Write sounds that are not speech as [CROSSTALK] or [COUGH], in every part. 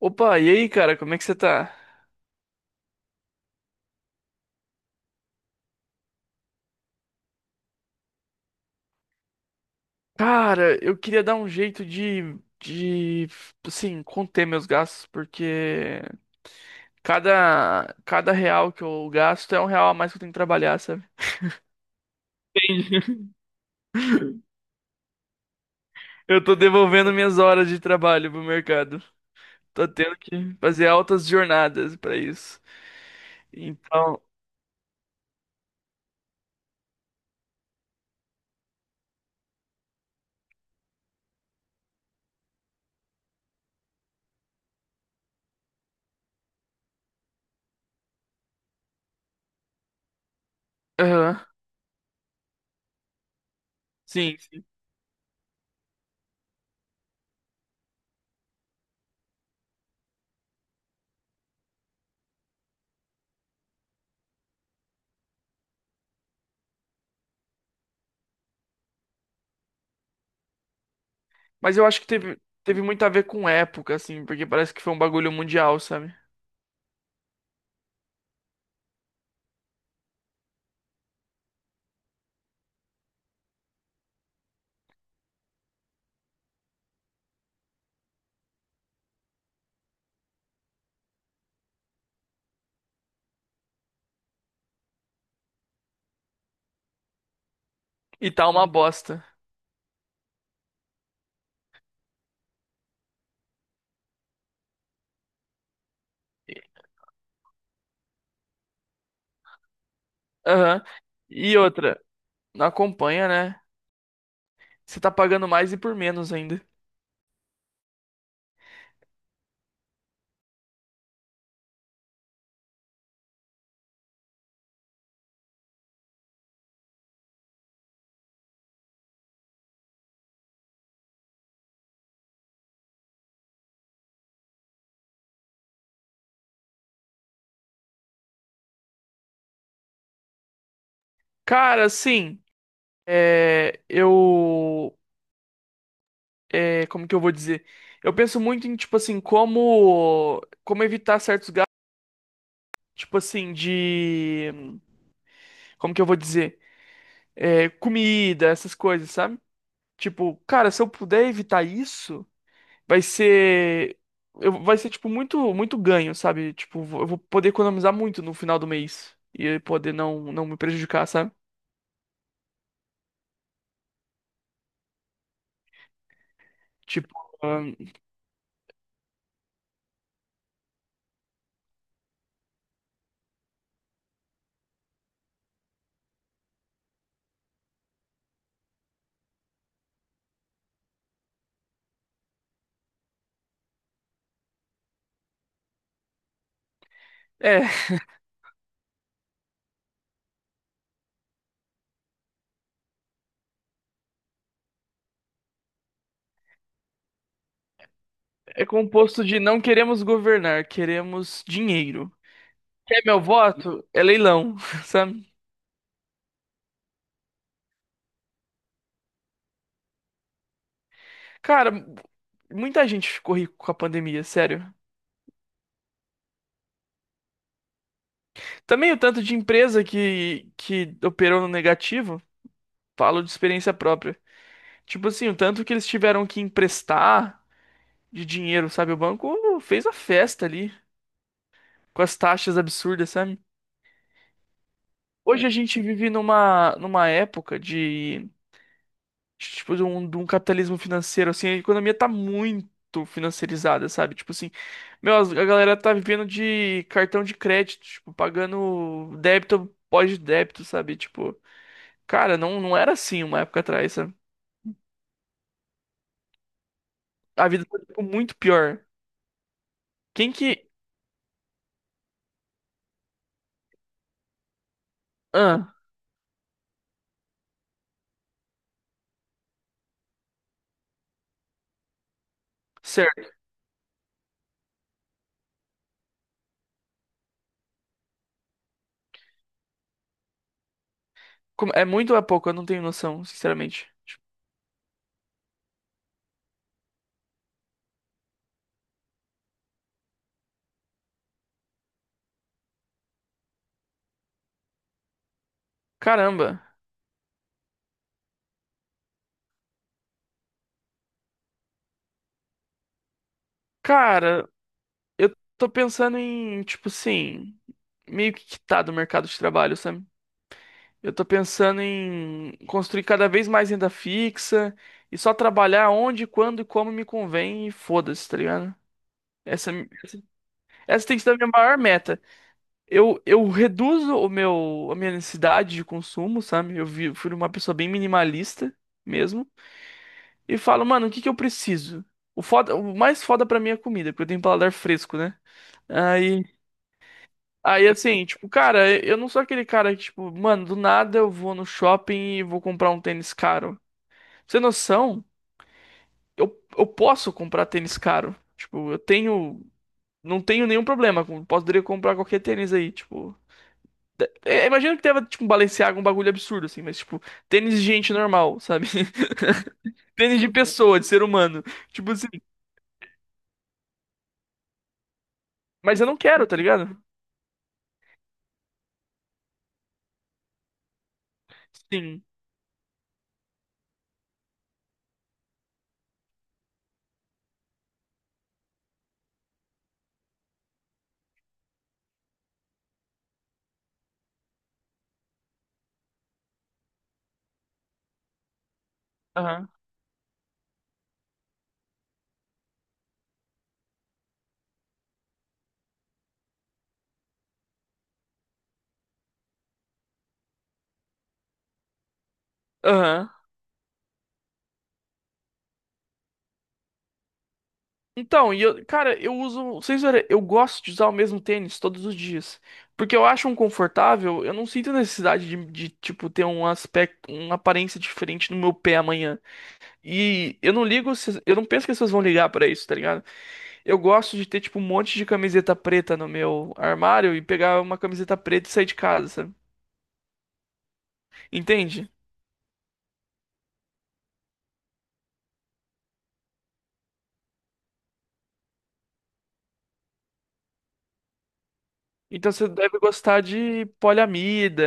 Opa, e aí, cara, como é que você tá? Cara, eu queria dar um jeito de, assim, conter meus gastos, porque cada real que eu gasto é um real a mais que eu tenho que trabalhar, sabe? Entendi. [LAUGHS] Eu tô devolvendo minhas horas de trabalho pro mercado. Tô tendo que fazer altas jornadas pra isso. Então, aham, sim, sim. Mas eu acho que teve muito a ver com época, assim, porque parece que foi um bagulho mundial, sabe? E tá uma bosta. Aham. E outra, não acompanha, né? Você tá pagando mais e por menos ainda. Cara, assim, é, eu, como que eu vou dizer? Eu penso muito em, tipo assim, como evitar certos gastos, tipo assim, de, como que eu vou dizer? É, comida, essas coisas, sabe? Tipo, cara, se eu puder evitar isso vai ser vai ser tipo muito muito ganho, sabe? Tipo, eu vou poder economizar muito no final do mês e poder não me prejudicar, sabe? Tipo, ahn, é, é composto de não queremos governar, queremos dinheiro. Quer meu voto? É leilão, [LAUGHS] sabe? Cara, muita gente ficou rico com a pandemia, sério. Também o tanto de empresa que operou no negativo, falo de experiência própria. Tipo assim, o tanto que eles tiveram que emprestar de dinheiro, sabe? O banco fez a festa ali com as taxas absurdas, sabe? Hoje a gente vive numa época de, tipo, de um capitalismo financeiro, assim, a economia tá muito financiarizada, sabe? Tipo assim, meu, a galera tá vivendo de cartão de crédito, tipo, pagando débito pós-débito, sabe? Tipo, cara, não era assim uma época atrás, sabe? A vida tá, tipo, muito pior. Quem que... Ah, certo. Como- É muito ou é pouco? Eu não tenho noção, sinceramente. Tipo, caramba. Cara, eu tô pensando em, tipo assim, meio que quitar do mercado de trabalho, sabe? Eu tô pensando em construir cada vez mais renda fixa e só trabalhar onde, quando e como me convém e foda-se, tá ligado? Essa, essa essa tem sido a minha maior meta. Eu reduzo a minha necessidade de consumo, sabe? Fui uma pessoa bem minimalista mesmo. E falo, mano, o que que eu preciso? O foda, o mais foda pra mim é comida, porque eu tenho um paladar fresco, né? Aí Aí assim, tipo, cara, eu não sou aquele cara que, tipo, mano, do nada eu vou no shopping e vou comprar um tênis caro. Pra você ter noção, eu posso comprar tênis caro. Tipo, eu tenho. Não tenho nenhum problema. Poderia comprar qualquer tênis aí, tipo. Imagino que tava, tipo, um Balenciaga, um bagulho absurdo, assim, mas, tipo, tênis de gente normal, sabe? [LAUGHS] Tênis de pessoa, de ser humano. Tipo assim, mas eu não quero, tá ligado? Sim. Aham. Aham. Então, e eu, cara, eu uso, vocês verem, eu gosto de usar o mesmo tênis todos os dias, porque eu acho um confortável, eu não sinto necessidade tipo ter um aspecto, uma aparência diferente no meu pé amanhã. E eu não ligo, eu não penso que as pessoas vão ligar pra isso, tá ligado? Eu gosto de ter tipo um monte de camiseta preta no meu armário e pegar uma camiseta preta e sair de casa, sabe? Entende? Então você deve gostar de poliamida,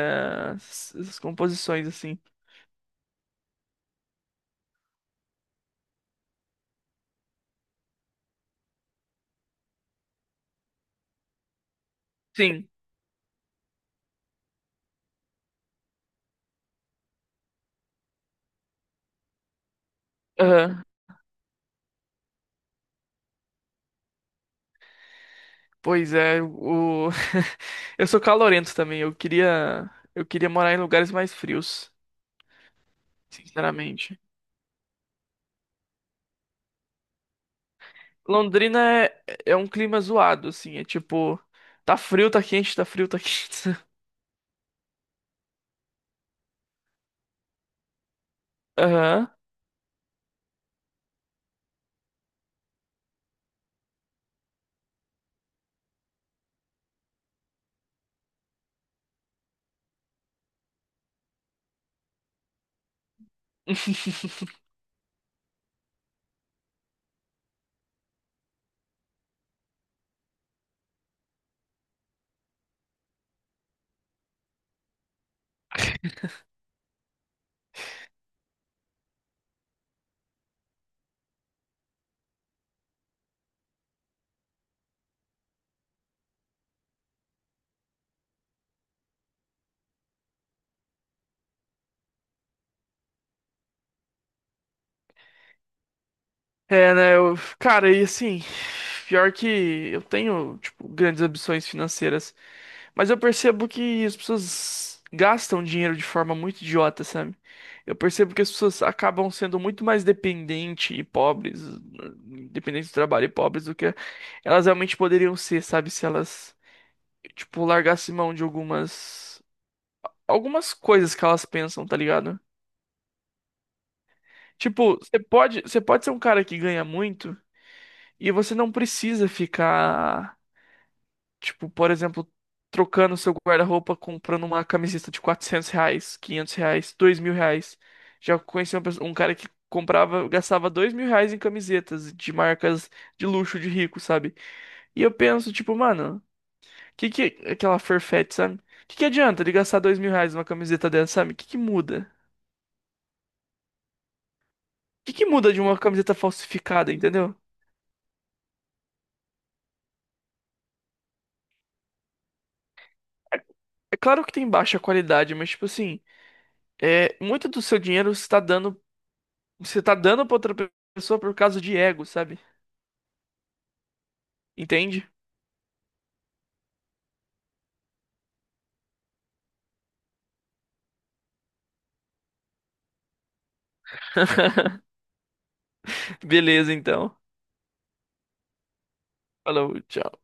essas composições assim. Sim. Pois é, o [LAUGHS] eu sou calorento também. Eu queria morar em lugares mais frios, sinceramente. Londrina é, é um clima zoado, assim, é tipo, tá frio, tá quente, tá frio, tá quente. [LAUGHS] Aham. [LAUGHS] É, né, cara, e assim, pior que eu tenho, tipo, grandes ambições financeiras. Mas eu percebo que as pessoas gastam dinheiro de forma muito idiota, sabe? Eu percebo que as pessoas acabam sendo muito mais dependentes e pobres, dependentes do trabalho e pobres do que elas realmente poderiam ser, sabe? Se elas, tipo, largassem mão de algumas coisas que elas pensam, tá ligado? Tipo, você pode ser um cara que ganha muito e você não precisa ficar. Tipo, por exemplo, trocando seu guarda-roupa, comprando uma camiseta de R$ 400, R$ 500, R$ 2.000. Já conheci uma pessoa- um cara que comprava, gastava R$ 2.000 em camisetas de marcas de luxo, de rico, sabe? E eu penso, tipo, mano, que aquela Farfetch, sabe? Que adianta ele gastar R$ 2.000 numa camiseta dessa, sabe? Que muda? Que muda de uma camiseta falsificada, entendeu? É claro que tem baixa qualidade, mas, tipo assim, é, muito do seu dinheiro está dando. Você tá dando pra outra pessoa por causa de ego, sabe? Entende? [LAUGHS] Beleza, então. Falou, tchau.